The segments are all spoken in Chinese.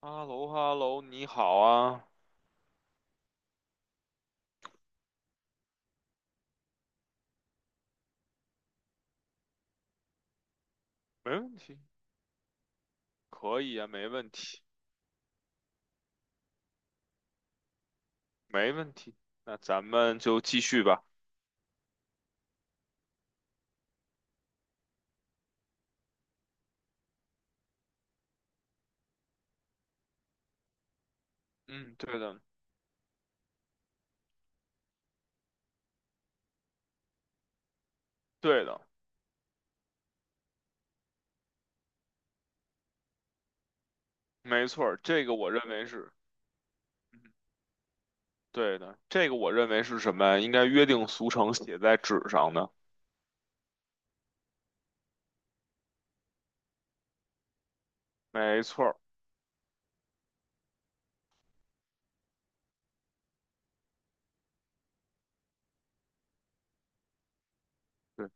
哈喽哈喽，你好啊，没问题，可以啊，没问题，没问题。那咱们就继续吧。嗯，对的，对的，没错儿这个我认为是，嗯，对的，这个我认为是什么呀？应该约定俗成写在纸上的。没错儿对。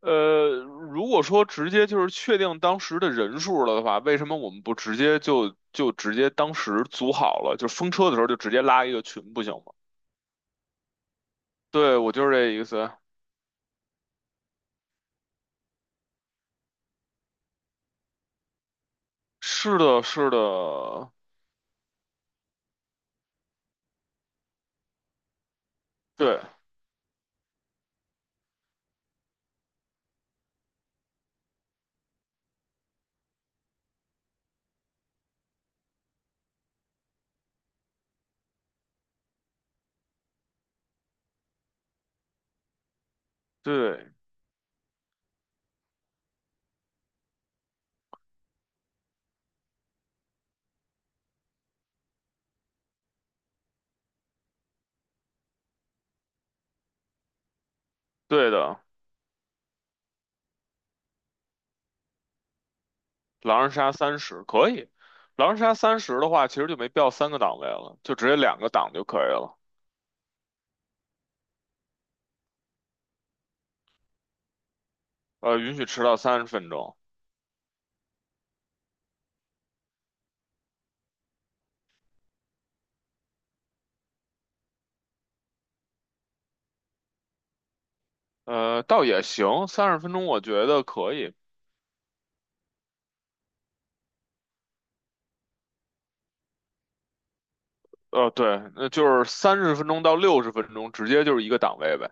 如果说直接就是确定当时的人数了的话，为什么我们不直接就直接当时组好了，就风车的时候就直接拉一个群不行吗？对，我就是这意思。是的，是的，对对对的，狼人杀三十可以，狼人杀三十的话，其实就没必要3个档位了，就直接2个档就可以了。允许迟到三十分钟。倒也行，三十分钟我觉得可以。对，那就是三十分钟到六十分钟，直接就是一个档位呗，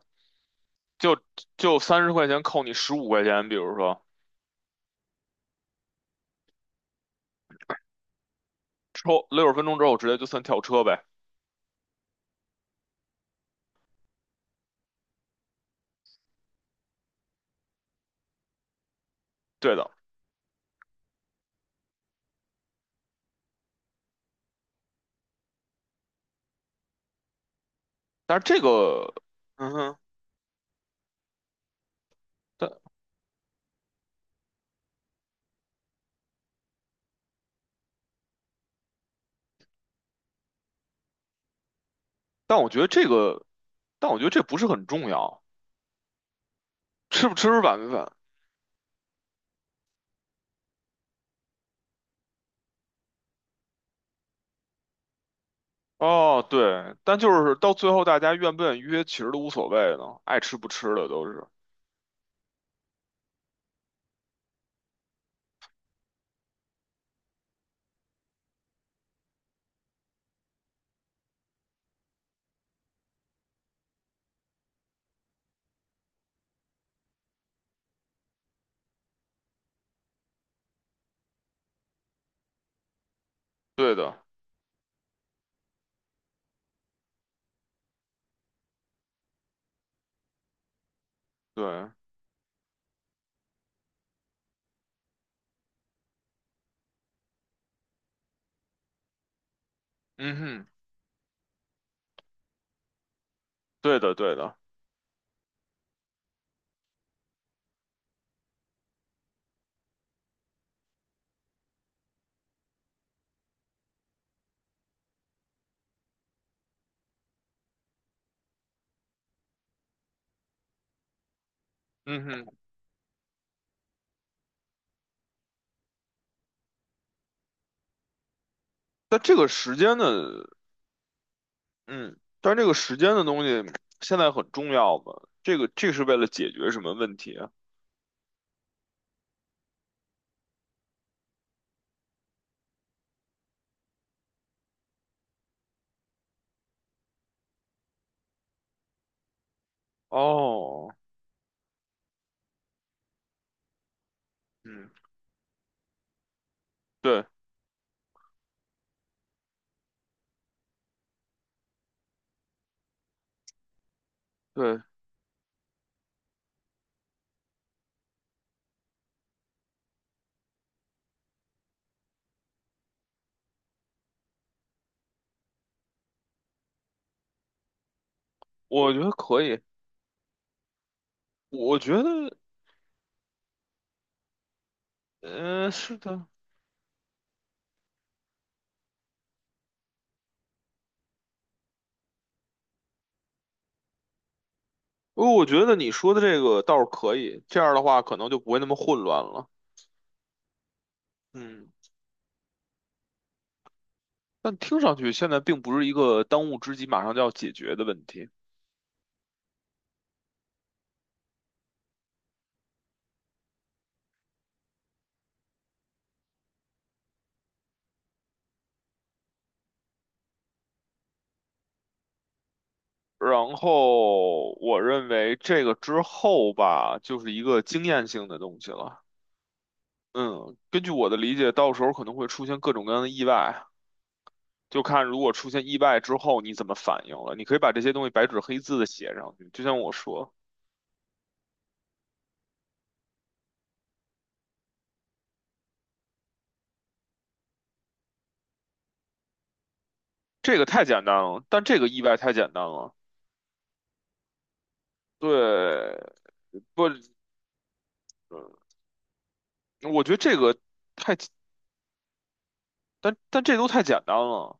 就就30块钱扣你15块钱，比如说抽六十分钟之后直接就算跳车呗。对的，但是这个，嗯哼，但但我觉得这个。但我觉得这不是很重要，吃不吃晚饭。哦，对，但就是到最后大家愿不愿意约，其实都无所谓了，爱吃不吃的都是对的，对，嗯哼，对的，对的，嗯哼。但这个时间的，嗯，但这个时间的东西现在很重要嘛？这是为了解决什么问题啊？哦，嗯，对对，我觉得可以。我觉得，嗯，是的。哦，我觉得你说的这个倒是可以，这样的话可能就不会那么混乱了。嗯，但听上去现在并不是一个当务之急，马上就要解决的问题。然后我认为这个之后吧，就是一个经验性的东西了。嗯，根据我的理解，到时候可能会出现各种各样的意外，就看如果出现意外之后你怎么反应了。你可以把这些东西白纸黑字的写上去，就像我说，这个太简单了，但这个意外太简单了。对，不。我觉得这个，但这都太简单了。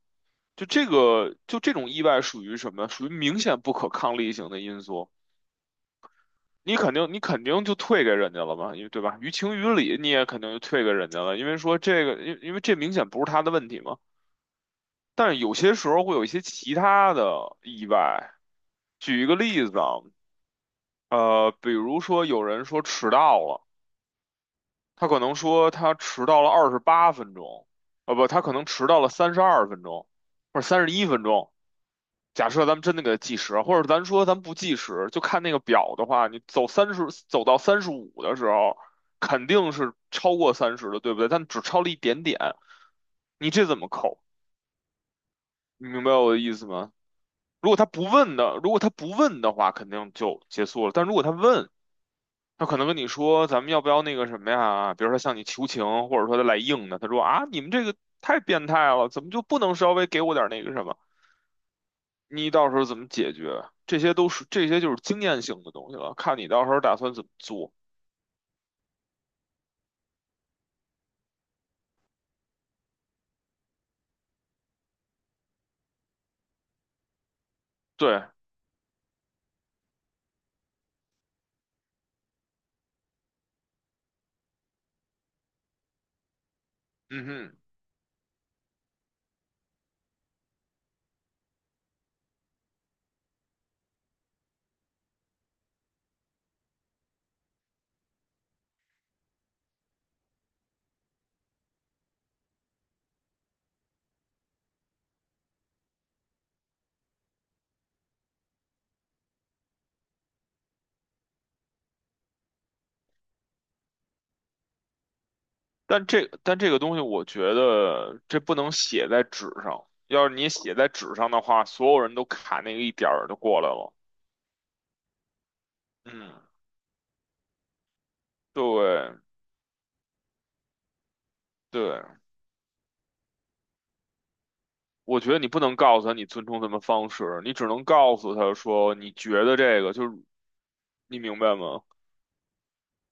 就这种意外属于什么？属于明显不可抗力型的因素。你肯定就退给人家了嘛，因为对吧？于情于理，你也肯定就退给人家了，因为说这个，因为这明显不是他的问题嘛。但是有些时候会有一些其他的意外。举一个例子啊。比如说有人说迟到了，他可能说他迟到了28分钟。呃不，他可能迟到了32分钟，或者31分钟。假设咱们真的给它计时，或者咱说咱不计时，就看那个表的话，你走三十，走到35的时候，肯定是超过三十的，对不对？但只超了一点点，你这怎么扣？你明白我的意思吗？如果他不问的话，肯定就结束了。但如果他问，他可能跟你说咱们要不要那个什么呀？比如说向你求情，或者说他来硬的，他说啊，你们这个太变态了，怎么就不能稍微给我点那个什么？你到时候怎么解决？这些就是经验性的东西了，看你到时候打算怎么做。对，嗯哼，但这个东西，我觉得这不能写在纸上。要是你写在纸上的话，所有人都卡那个一点儿就过来了。嗯，对对，我觉得你不能告诉他你尊重他们方式，你只能告诉他说你觉得这个就是，你明白吗？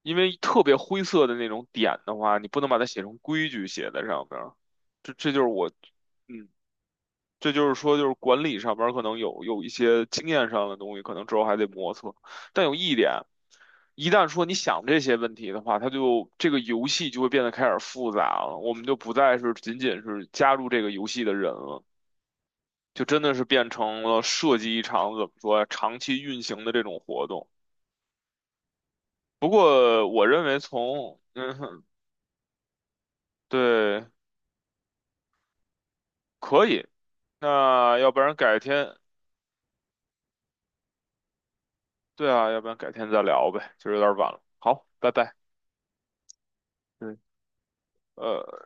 因为特别灰色的那种点的话，你不能把它写成规矩写在上面儿，这就是我。嗯，这就是说就是管理上边儿可能有一些经验上的东西，可能之后还得磨蹭。但有一点，一旦说你想这些问题的话，它就这个游戏就会变得开始复杂了，我们就不再是仅仅是加入这个游戏的人了，就真的是变成了设计一场怎么说呀，长期运行的这种活动。不过我认为从嗯哼对。可以，那要不然改天，对啊，要不然改天再聊呗，就是有点晚了。好，拜拜。嗯，呃。